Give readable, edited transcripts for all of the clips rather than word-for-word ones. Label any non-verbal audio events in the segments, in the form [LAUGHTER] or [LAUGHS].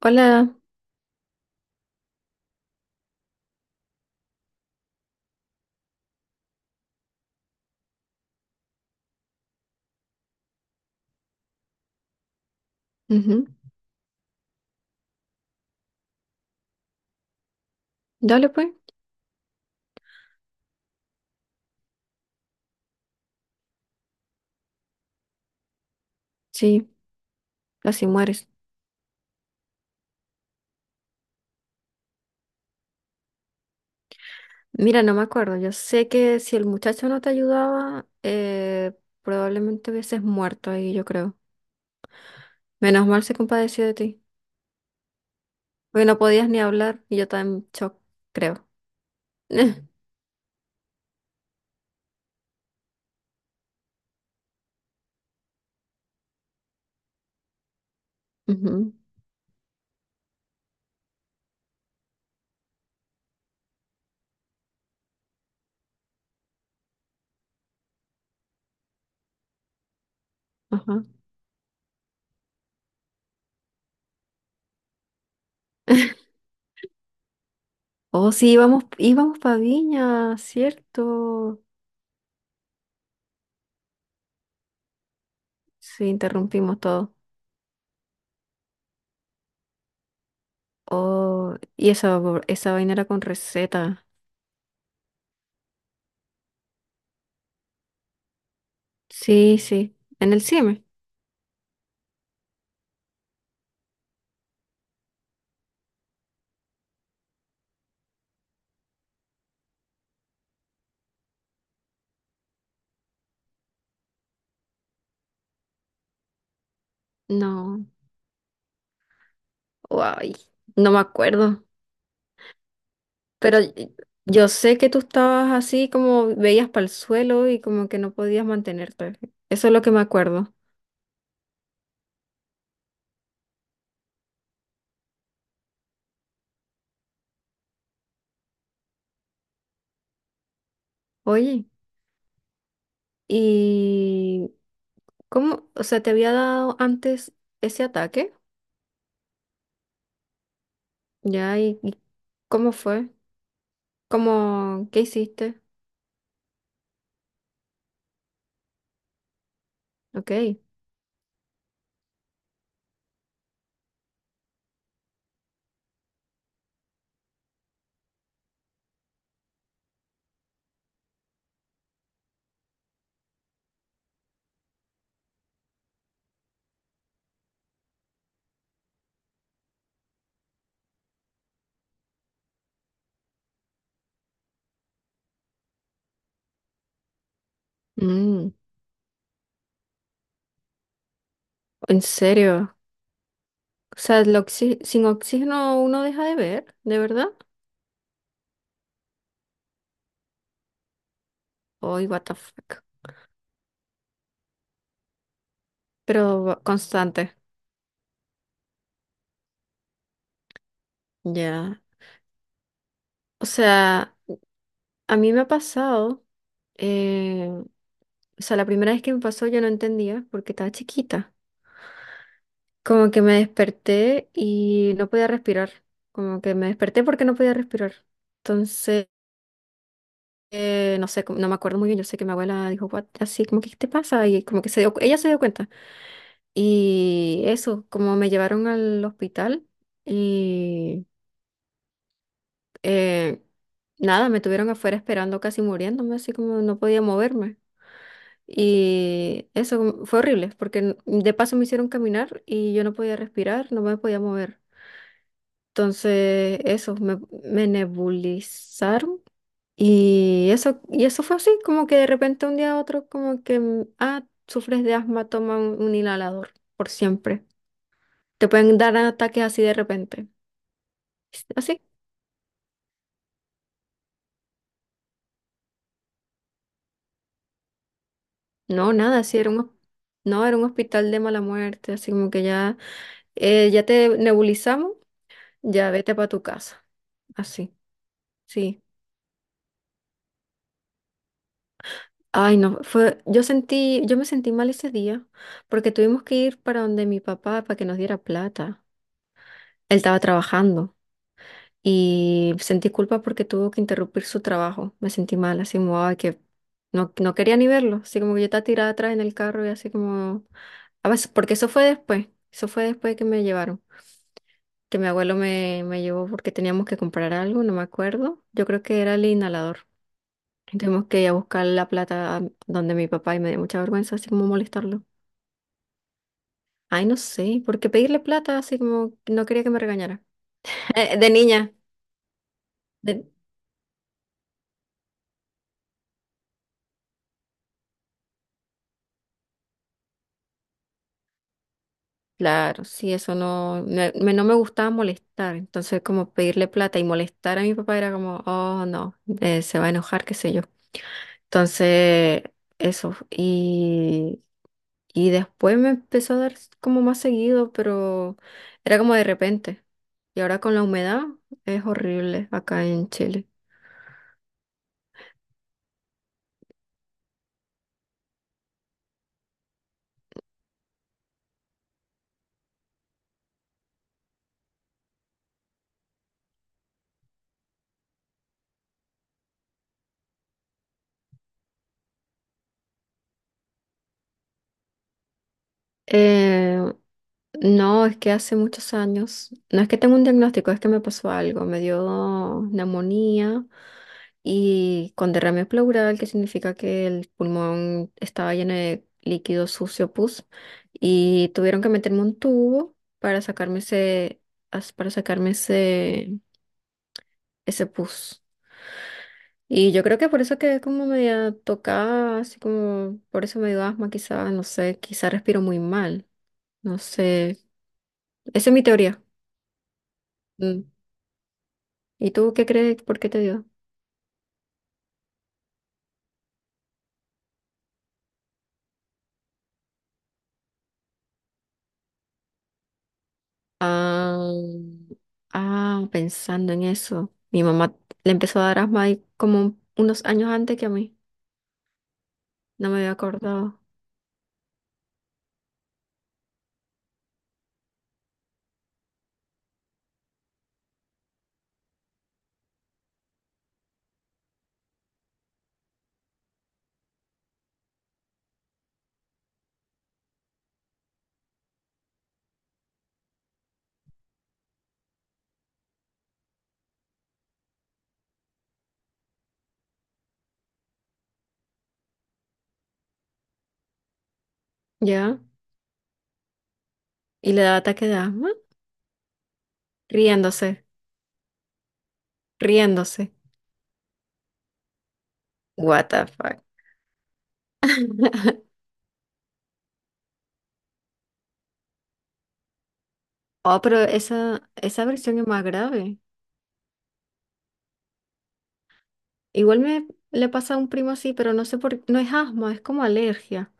Hola, ujú. Dale pues, sí, así mueres. Mira, no me acuerdo, yo sé que si el muchacho no te ayudaba, probablemente hubieses muerto ahí, yo creo. Menos mal se compadeció de ti, porque no podías ni hablar y yo estaba en shock, creo. [LAUGHS] Ujú, ajá. Oh, sí, íbamos para Viña, ¿cierto? Sí, interrumpimos todo. Oh, y esa vaina era con receta. Sí, sí, en el CIME. No. Ay, no me acuerdo, pero yo sé que tú estabas así como veías para el suelo y como que no podías mantenerte. Eso es lo que me acuerdo. Oye, ¿y cómo, o sea, te había dado antes ese ataque? ¿Ya? ¿Y cómo fue? ¿Cómo, qué hiciste? Ok. Mm, ¿en serio? O sea, sin oxígeno uno deja de ver, ¿de verdad? Ay, what the fuck. Pero constante. Ya. O sea, a mí me ha pasado, eh, o sea, la primera vez que me pasó yo no entendía porque estaba chiquita. Como que me desperté y no podía respirar. Como que me desperté porque no podía respirar. Entonces, no sé, no me acuerdo muy bien. Yo sé que mi abuela dijo, "What?", así como que, ¿qué te pasa? Y como que se dio, ella se dio cuenta. Y eso, como me llevaron al hospital y eh, nada, me tuvieron afuera esperando casi muriéndome, así como no podía moverme. Y eso fue horrible, porque de paso me hicieron caminar y yo no podía respirar, no me podía mover. Entonces, eso, me nebulizaron. Y eso fue así, como que de repente un día a otro, como que, mm, ah, sufres de asma, toma un inhalador por siempre. Te pueden dar ataques así de repente. Así. No, nada, así era no, era un hospital de mala muerte, así como que ya, ya te nebulizamos, ya vete para tu casa. Así, sí. Ay, no, fue, yo sentí, yo me sentí mal ese día porque tuvimos que ir para donde mi papá para que nos diera plata. Él estaba trabajando y sentí culpa porque tuvo que interrumpir su trabajo. Me sentí mal, así como, ay, que no quería ni verlo, así como que yo estaba tirada atrás en el carro y así como, a veces, porque eso fue después que me llevaron, que mi abuelo me llevó porque teníamos que comprar algo, no me acuerdo, yo creo que era el inhalador. Y tuvimos que ir a buscar la plata a donde mi papá y me dio mucha vergüenza así como molestarlo. Ay, no sé, porque pedirle plata así como que no quería que me regañara. [LAUGHS] De niña. de- Claro, sí, eso no, no me gustaba molestar. Entonces, como pedirle plata y molestar a mi papá era como, oh, no, se va a enojar, qué sé yo. Entonces, eso. Y después me empezó a dar como más seguido, pero era como de repente. Y ahora con la humedad es horrible acá en Chile. Eh, no, es que hace muchos años, no es que tengo un diagnóstico, es que me pasó algo, me dio neumonía y con derrame pleural, que significa que el pulmón estaba lleno de líquido sucio, pus, y tuvieron que meterme un tubo para sacarme para sacarme ese pus. Y yo creo que por eso quedé como media tocada, así como, por eso me dio asma, quizá, no sé, quizá respiro muy mal, no sé, esa es mi teoría. Mm. ¿Y tú qué crees? ¿Por qué te dio? Ah, ah, pensando en eso. Mi mamá le empezó a dar asma ahí como unos años antes que a mí. No me había acordado. ¿Ya? Y le da ataque de asma. Riéndose, riéndose. What the fuck. [LAUGHS] Oh, pero esa versión es más grave. Igual me le pasa a un primo así, pero no sé por qué. No es asma, es como alergia.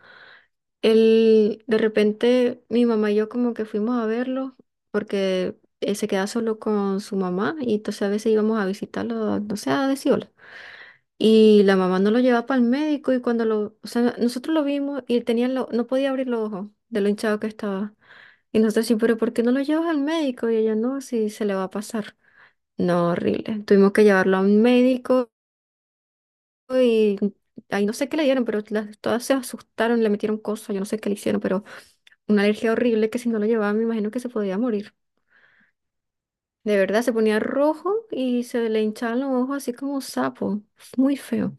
De repente mi mamá y yo como que fuimos a verlo porque se queda solo con su mamá y entonces a veces íbamos a visitarlo, no sé, a decir hola. Y la mamá no lo llevaba para el médico y o sea, nosotros lo vimos y él tenía no podía abrir los ojos de lo hinchado que estaba. Y nosotros decimos, pero ¿por qué no lo llevas al médico? Y ella no, si se le va a pasar. No, horrible. Tuvimos que llevarlo a un médico y ahí no sé qué le dieron, pero las, todas se asustaron, le metieron cosas, yo no sé qué le hicieron, pero una alergia horrible que si no lo llevaba me imagino que se podía morir. De verdad, se ponía rojo y se le hinchaban los ojos así como un sapo. Muy feo.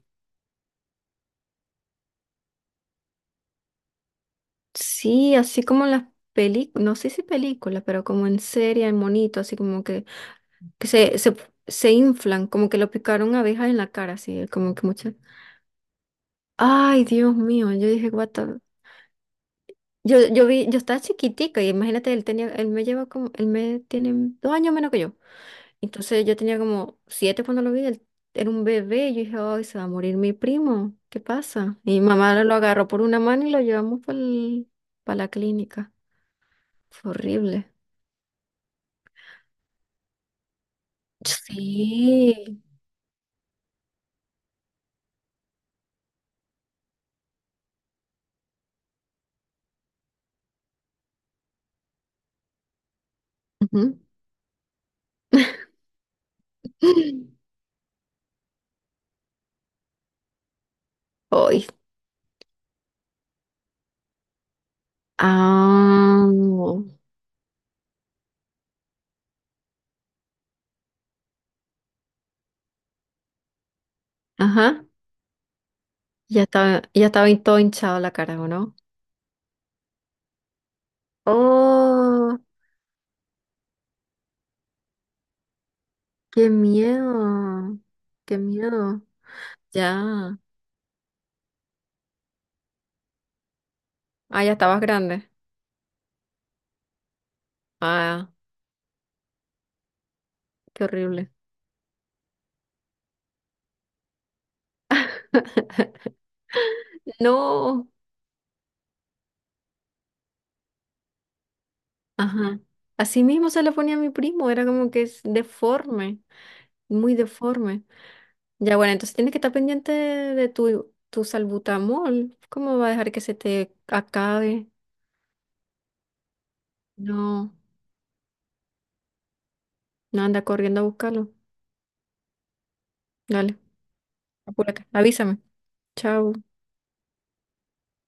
Sí, así como en las películas, no sé si películas, pero como en serie, en monito, así como que, que se, se, se inflan, como que lo picaron abejas en la cara, así, como que muchas. Ay, Dios mío, yo dije, what the- yo vi, yo estaba chiquitica y imagínate, él me lleva como, él me tiene dos años menos que yo. Entonces yo tenía como siete cuando lo vi, él era un bebé y yo dije, ay, se va a morir mi primo, ¿qué pasa? Y mi mamá lo agarró por una mano y lo llevamos para la clínica. Fue horrible. Sí. Ujú. [LAUGHS] Hoy. Ah, ajá. Ya estaba todo hinchado la cara, ¿o no? Oh, qué miedo, qué miedo. Ya. Ah, ya estabas grande. Ah, qué horrible. No. Ajá. Así mismo se lo ponía a mi primo, era como que es deforme, muy deforme. Ya, bueno, entonces tienes que estar pendiente de tu salbutamol. ¿Cómo va a dejar que se te acabe? No, no anda corriendo a buscarlo. Dale, apúrate. Avísame. Chao.